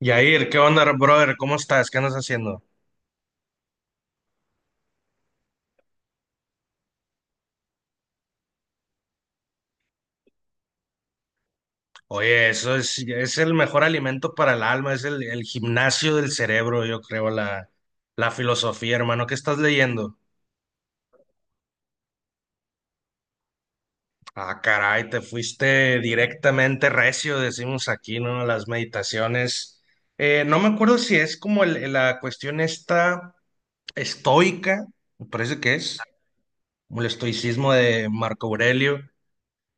Yair, ¿qué onda, brother? ¿Cómo estás? ¿Qué andas haciendo? Oye, eso es el mejor alimento para el alma, es el gimnasio del cerebro, yo creo, la filosofía, hermano. ¿Qué estás leyendo? Ah, caray, te fuiste directamente recio, decimos aquí, ¿no? Las meditaciones. No me acuerdo si es como la cuestión esta estoica, me parece que es, como el estoicismo de Marco Aurelio.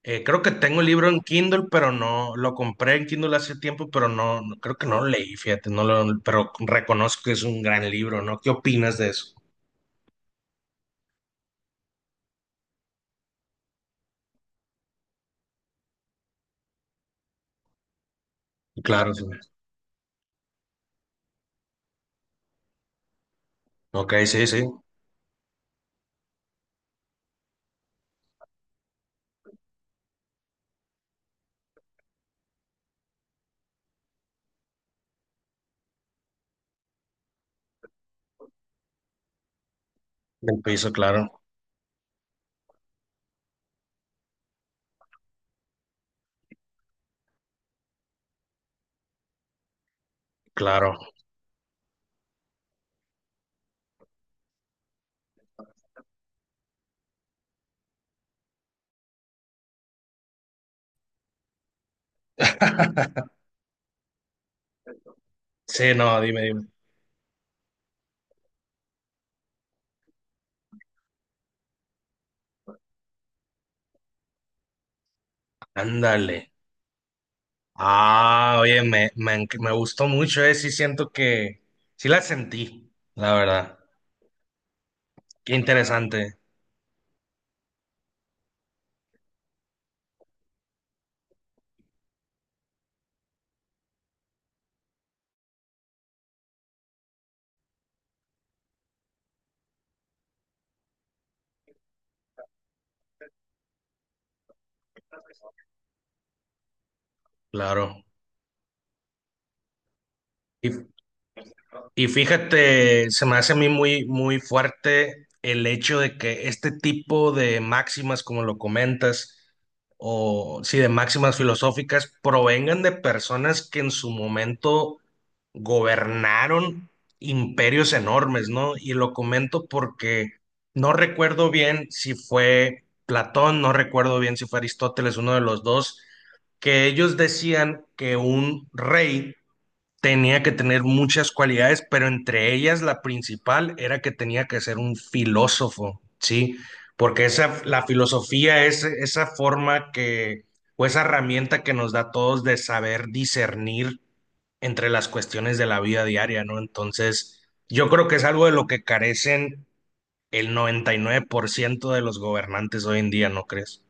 Creo que tengo el libro en Kindle, pero no, lo compré en Kindle hace tiempo, pero no, creo que no lo leí, fíjate, no lo, pero reconozco que es un gran libro, ¿no? ¿Qué opinas de eso? Claro, sí. Ok, sí, sí, del piso, claro, claro. Sí, no, dime, dime. Ándale. Ah, oye, me me gustó mucho, sí siento que, sí la sentí, la verdad. Qué interesante. Claro. Y, Y fíjate, se me hace a mí muy, muy fuerte el hecho de que este tipo de máximas, como lo comentas, o sí, de máximas filosóficas, provengan de personas que en su momento gobernaron imperios enormes, ¿no? Y lo comento porque no recuerdo bien si fue Platón, no recuerdo bien si fue Aristóteles, uno de los dos, que ellos decían que un rey tenía que tener muchas cualidades, pero entre ellas la principal era que tenía que ser un filósofo, ¿sí? Porque esa, la filosofía es esa forma que, o esa herramienta que nos da a todos de saber discernir entre las cuestiones de la vida diaria, ¿no? Entonces, yo creo que es algo de lo que carecen el 99% de los gobernantes hoy en día, ¿no crees?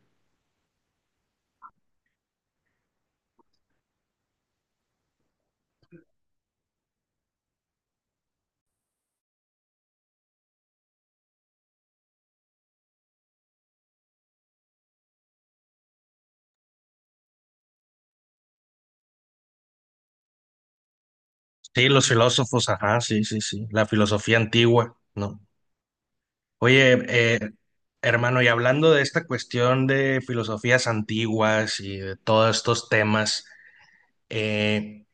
Sí, los filósofos, ajá, sí, sí, sí, la filosofía antigua, ¿no? Oye, eh, hermano, y hablando de esta cuestión de filosofías antiguas y de todos estos temas, eh,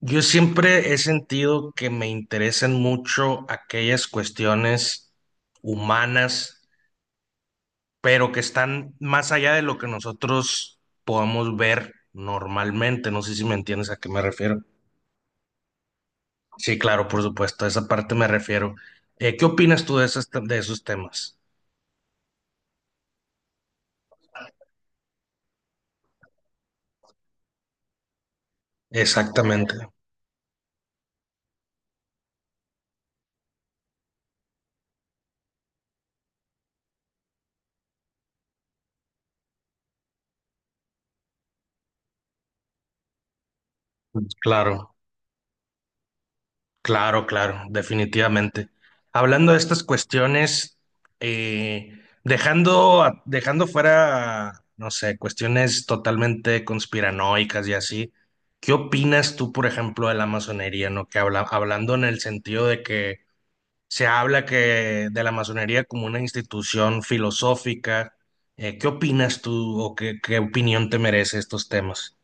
yo siempre he sentido que me interesan mucho aquellas cuestiones humanas, pero que están más allá de lo que nosotros podemos ver normalmente. No sé si me entiendes a qué me refiero. Sí, claro, por supuesto, a esa parte me refiero. ¿Qué opinas tú de de esos temas? Exactamente, claro. Claro, claro, definitivamente. Hablando de estas cuestiones, eh, dejando fuera, no sé, cuestiones totalmente conspiranoicas y así, ¿qué opinas tú, por ejemplo, de la masonería, no? Que hablando en el sentido de que se habla que de la masonería como una institución filosófica, ¿qué opinas tú o qué opinión te merece estos temas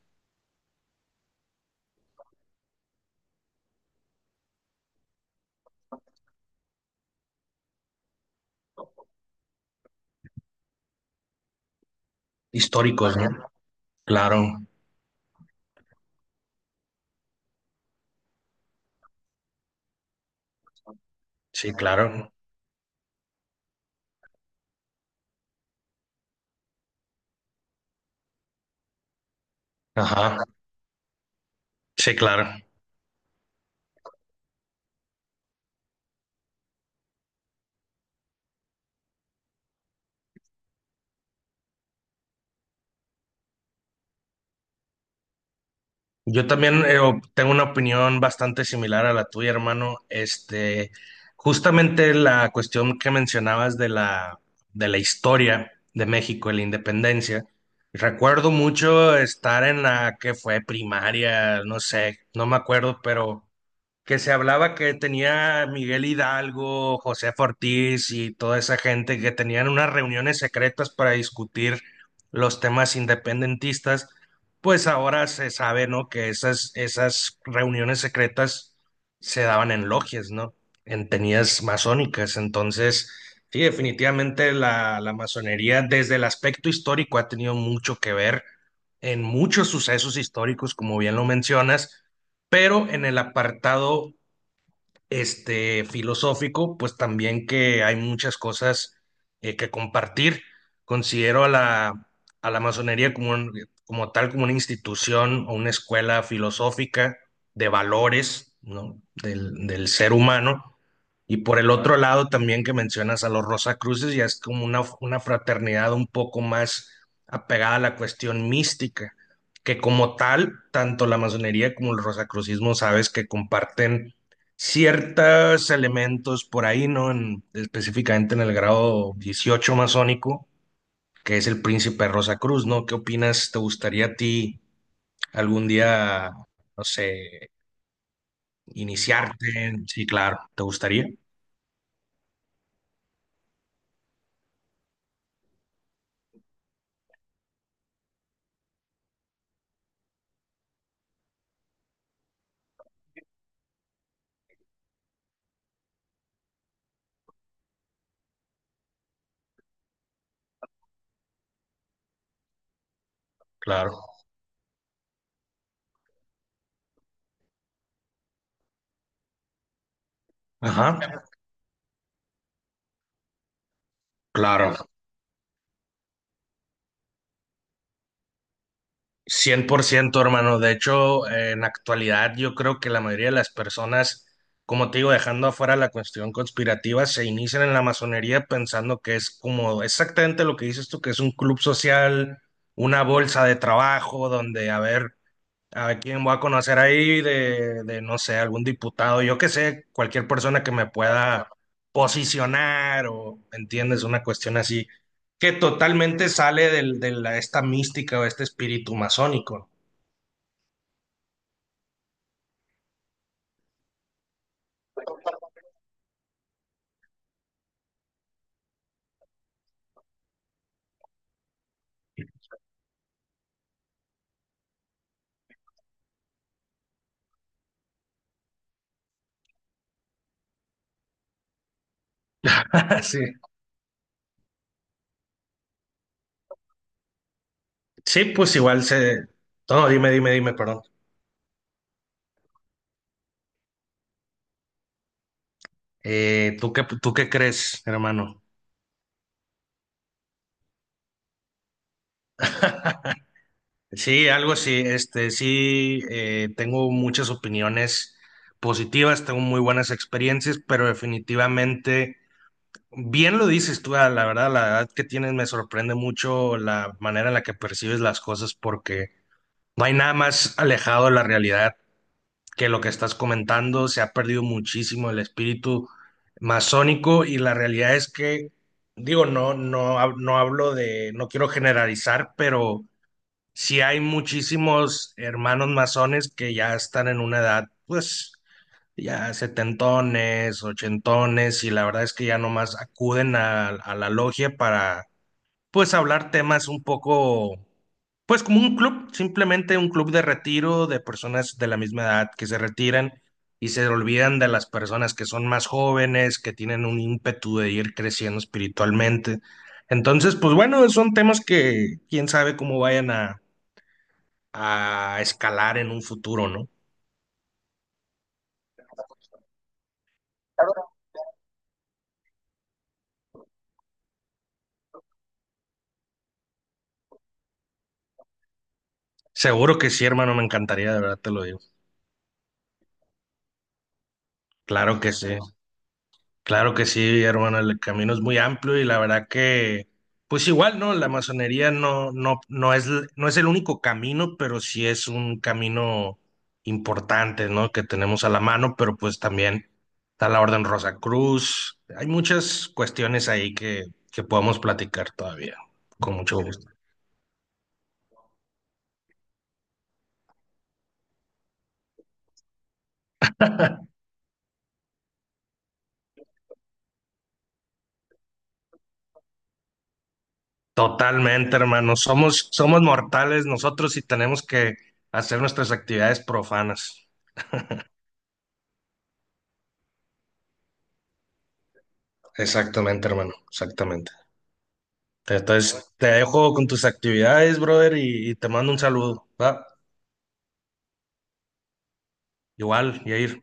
históricos, no? Claro, sí, claro. Ajá, sí, claro. Yo también tengo una opinión bastante similar a la tuya, hermano. Este, justamente la cuestión que mencionabas de la, historia de México, de la independencia. Recuerdo mucho estar en la que fue primaria, no sé, no me acuerdo, pero que se hablaba que tenía Miguel Hidalgo, José Ortiz y toda esa gente que tenían unas reuniones secretas para discutir los temas independentistas, pues ahora se sabe, ¿no? Que esas, esas reuniones secretas se daban en logias, ¿no? En tenías masónicas. Entonces, sí, definitivamente la, masonería desde el aspecto histórico ha tenido mucho que ver en muchos sucesos históricos, como bien lo mencionas, pero en el apartado este, filosófico, pues también que hay muchas cosas que compartir. Considero a la masonería como tal, como una institución o una escuela filosófica de valores, ¿no? Del, del ser humano. Y por el otro lado también que mencionas a los Rosacruces, ya es como una fraternidad un poco más apegada a la cuestión mística, que como tal, tanto la masonería como el rosacrucismo, sabes que comparten ciertos elementos por ahí, ¿no? Específicamente en el grado 18 masónico, que es el Príncipe rosa cruz, ¿no? ¿Qué opinas? ¿Te gustaría a ti algún día, no sé, iniciarte? Sí, claro, ¿te gustaría? Claro. Ajá, claro. 100%, hermano. De hecho, en actualidad yo creo que la mayoría de las personas, como te digo, dejando afuera la cuestión conspirativa, se inician en la masonería pensando que es como exactamente lo que dices tú, que es un club social, una bolsa de trabajo donde, a ver, a quien voy a conocer ahí de, no sé, algún diputado, yo que sé, cualquier persona que me pueda posicionar o, ¿entiendes? Una cuestión así, que totalmente sale del, de la, esta mística o este espíritu masónico. Sí. Sí, pues igual se. No, dime, dime, dime, perdón. ¿Tú qué crees, hermano? Sí, algo así, este, sí, tengo muchas opiniones positivas, tengo muy buenas experiencias, pero definitivamente. Bien lo dices tú, ah, la verdad, la edad que tienes me sorprende mucho la manera en la que percibes las cosas porque no hay nada más alejado de la realidad que lo que estás comentando. Se ha perdido muchísimo el espíritu masónico y la realidad es que, digo, no, no, no hablo de, no quiero generalizar, pero sí hay muchísimos hermanos masones que ya están en una edad, pues ya setentones, ochentones, y la verdad es que ya nomás acuden a, la logia para, pues, hablar temas un poco, pues, como un club, simplemente un club de retiro de personas de la misma edad que se retiran y se olvidan de las personas que son más jóvenes, que tienen un ímpetu de ir creciendo espiritualmente. Entonces, pues bueno, son temas que quién sabe cómo vayan a escalar en un futuro, ¿no? Seguro que sí, hermano, me encantaría, de verdad te lo digo. Claro que sí, claro que sí, hermano, el camino es muy amplio y la verdad que, pues igual, ¿no? La masonería no es el único camino, pero sí es un camino importante, ¿no? Que tenemos a la mano, pero pues también está la Orden Rosacruz. Hay muchas cuestiones ahí que, podemos platicar todavía, con mucho gusto. Totalmente, hermano, somos mortales nosotros y tenemos que hacer nuestras actividades profanas. Exactamente, hermano, exactamente. Entonces, te dejo con tus actividades, brother, y te mando un saludo, ¿va? Igual, Yair.